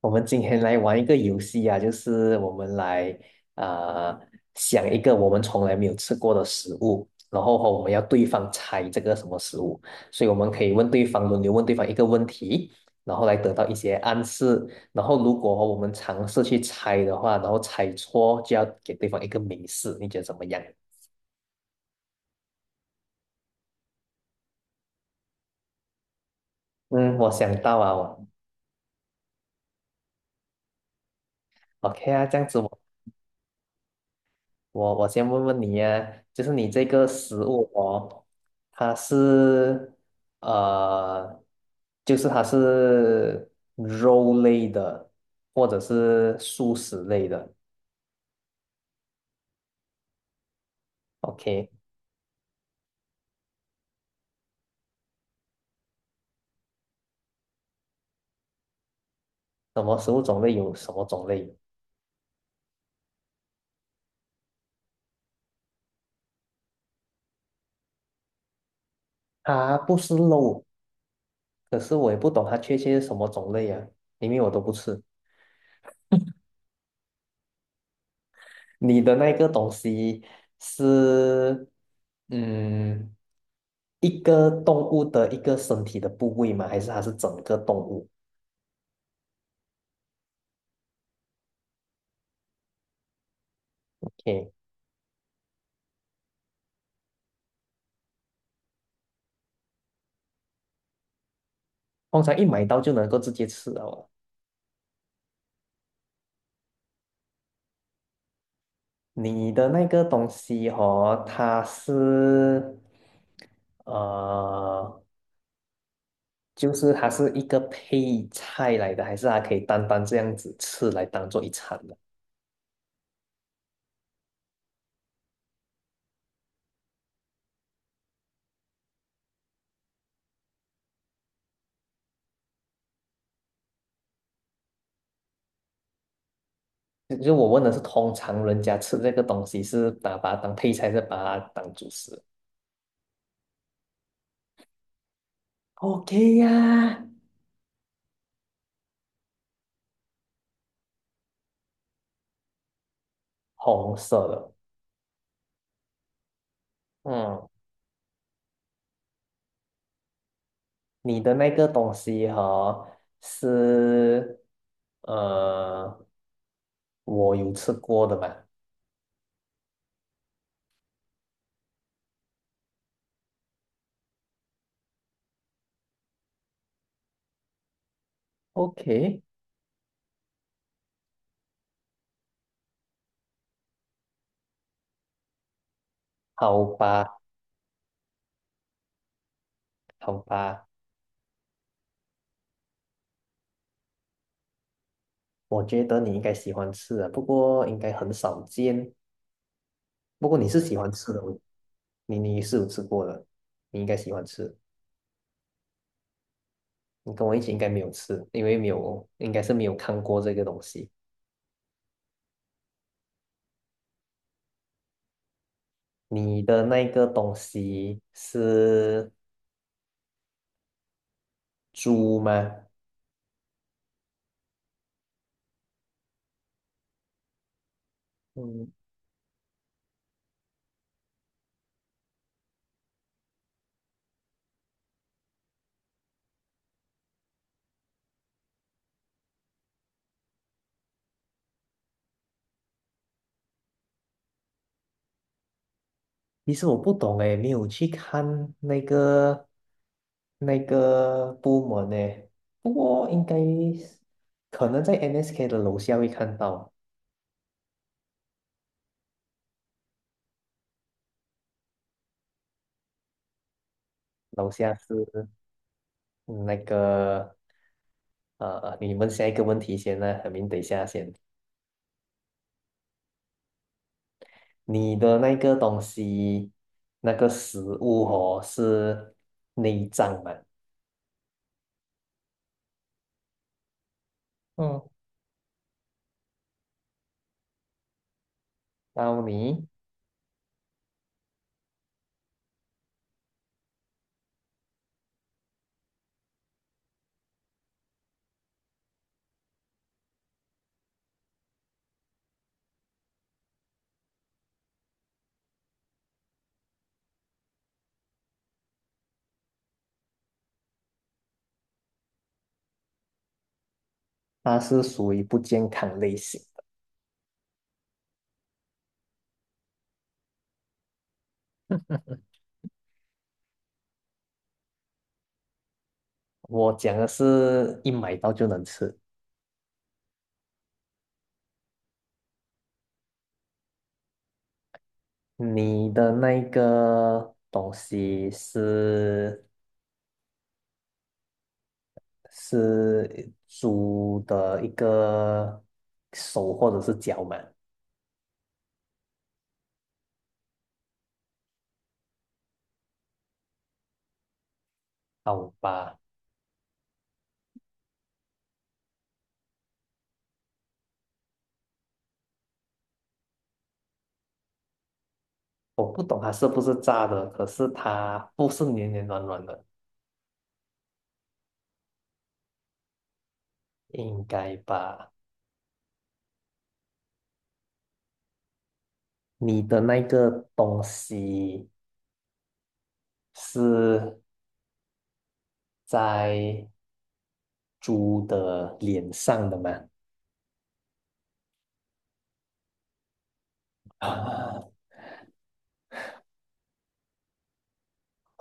我们今天来玩一个游戏啊，就是我们来啊、呃想一个我们从来没有吃过的食物，然后和我们要对方猜这个什么食物，所以我们可以问对方轮流问对方一个问题，然后来得到一些暗示，然后如果我们尝试去猜的话，然后猜错就要给对方一个明示，你觉得怎么样？嗯，我想到啊，我 OK 啊，这样子我。我先问问你呀、就是你这个食物哦，它是呃，就是它是肉类的，或者是素食类的，OK？什么食物种类有什么种类？它不是肉，可是我也不懂它确切是什么种类呀、因为我都不吃。你的那个东西是，嗯，一个动物的一个身体的部位吗？还是它是整个动物？OK，通常一买到就能够直接吃了哦。你的那个东西哦，它是，呃，就是它是一个配菜来的，还是它可以单单这样子吃来当做一餐的？就我问的是，通常人家吃这个东西是把它当配菜，还是把它当主食？OK 呀，红色的。嗯，你的那个东西哈是呃，我有吃过的嘛？OK，好吧，好吧，我觉得你应该喜欢吃的，不过应该很少见。不过你是喜欢吃的，我你是有吃过的，你应该喜欢吃。你跟我一起应该没有吃，因为没有，应该是没有看过这个东西。你的那个东西是猪吗？嗯，其实我不懂诶，没有去看那个部门诶，不过应该是可能在 NSK 的楼下会看到，楼下是嗯那个你问下一个问题先呢，海明，等一下先，你的那个东西那个食物哦是内脏嘛，嗯，到你它是属于不健康类型的，我讲的是一买到就能吃。你的那个东西是猪的一个手或者是脚嘛？好吧，我不懂它是不是炸的，可是它不是黏黏软软的，应该吧？你的那个东西是在猪的脸上的吗？啊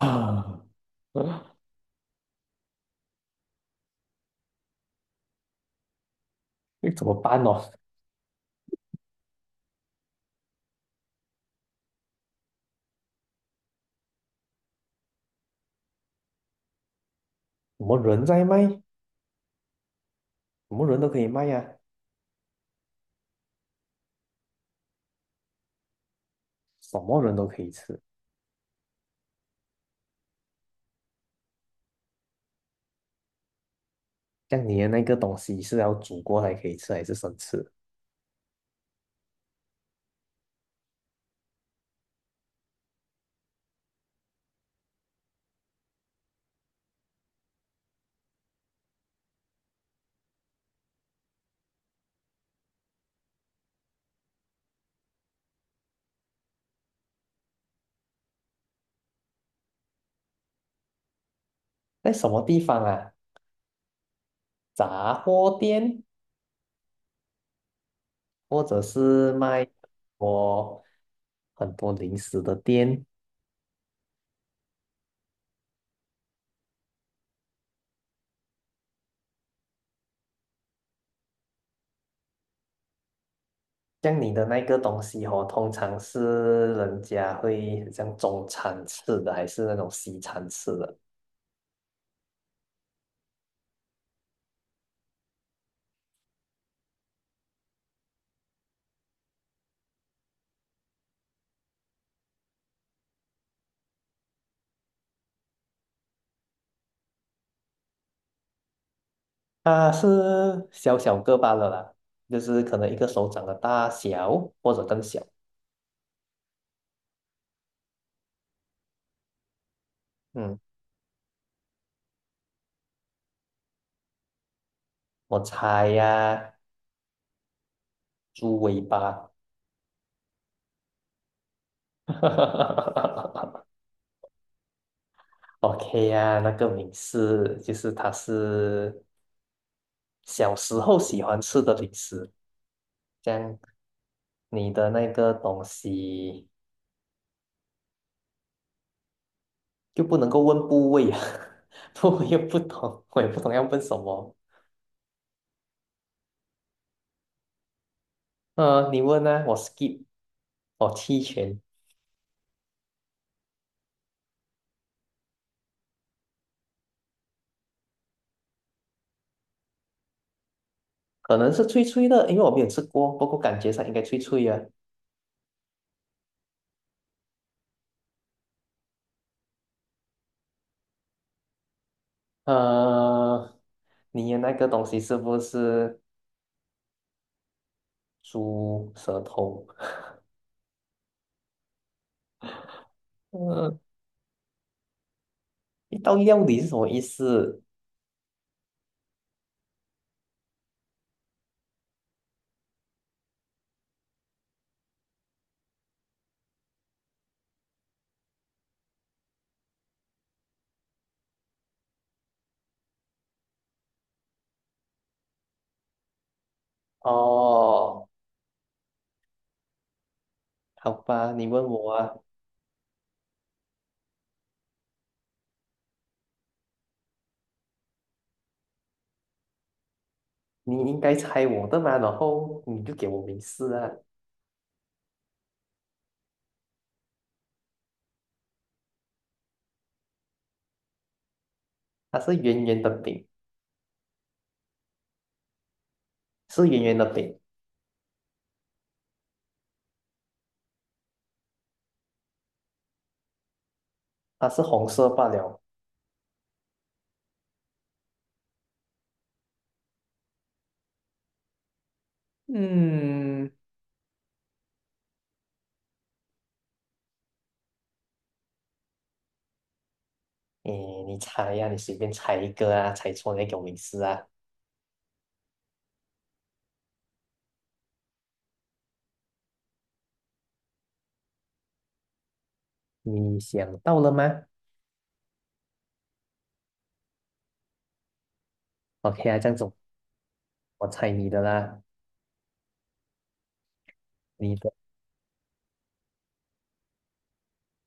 啊！那怎么办哦？我们人在卖，我们人都可以卖呀、什么人都可以吃。像你的那个东西是要煮过才可以吃，还是生吃？在什么地方啊？杂货店，或者是卖我很多零食的店。像你的那个东西哦，通常是人家会很像中餐吃的，还是那种西餐吃的？它是小小个罢了啦，就是可能一个手掌的大小，或者更小。嗯，我猜呀、猪尾巴。OK 啊，那个美式就是它是小时候喜欢吃的零食，这样你的那个东西就不能够问部位啊，不，我也不懂，我也不懂要问什么。你问呢、我 skip，我弃权，可能是脆脆的，因为我没有吃过，不过感觉上应该脆脆啊。呃，你的那个东西是不是猪舌头？呃，一道料理是什么意思？哦，好吧，你问我啊，你应该猜我的嘛，然后你就给我明示啊。它是圆圆的饼，是圆圆的饼，它是红色罢了。嗯，诶，你猜呀、你随便猜一个啊，猜错你再给我明示啊。你想到了吗？OK 啊，这样子我猜你的啦，你的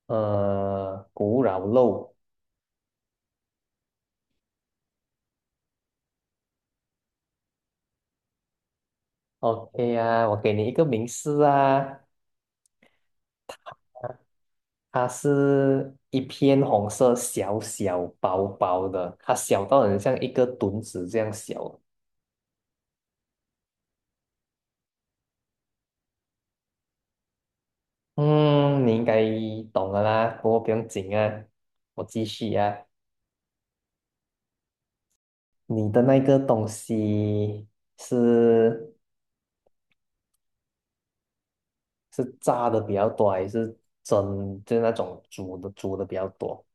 呃古老肉。OK 啊，我给你一个明示啊，它是一片红色，小小薄薄的，它小到很像一个墩子这样小。嗯，你应该懂了啦，不过不用紧啊，我继续啊。你的那个东西是是炸的比较多，还是蒸，就是那种煮的比较多？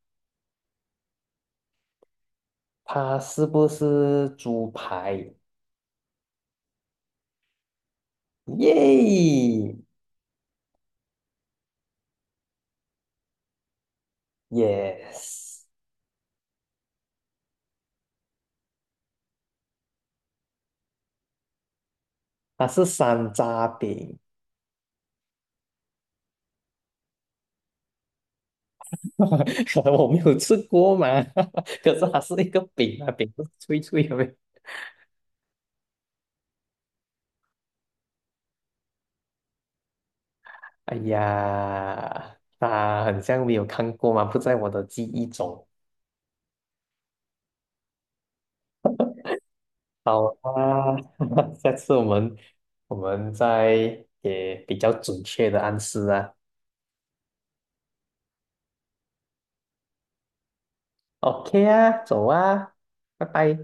它是不是猪排？耶，yes，它是山楂饼。我没有吃过嘛，可是它是一个饼啊，饼是脆脆的呗。哎呀，啊很像没有看过嘛，不在我的记忆中。好啊，下次我们再也比较准确的暗示啊。OK 啊，走啊，拜拜。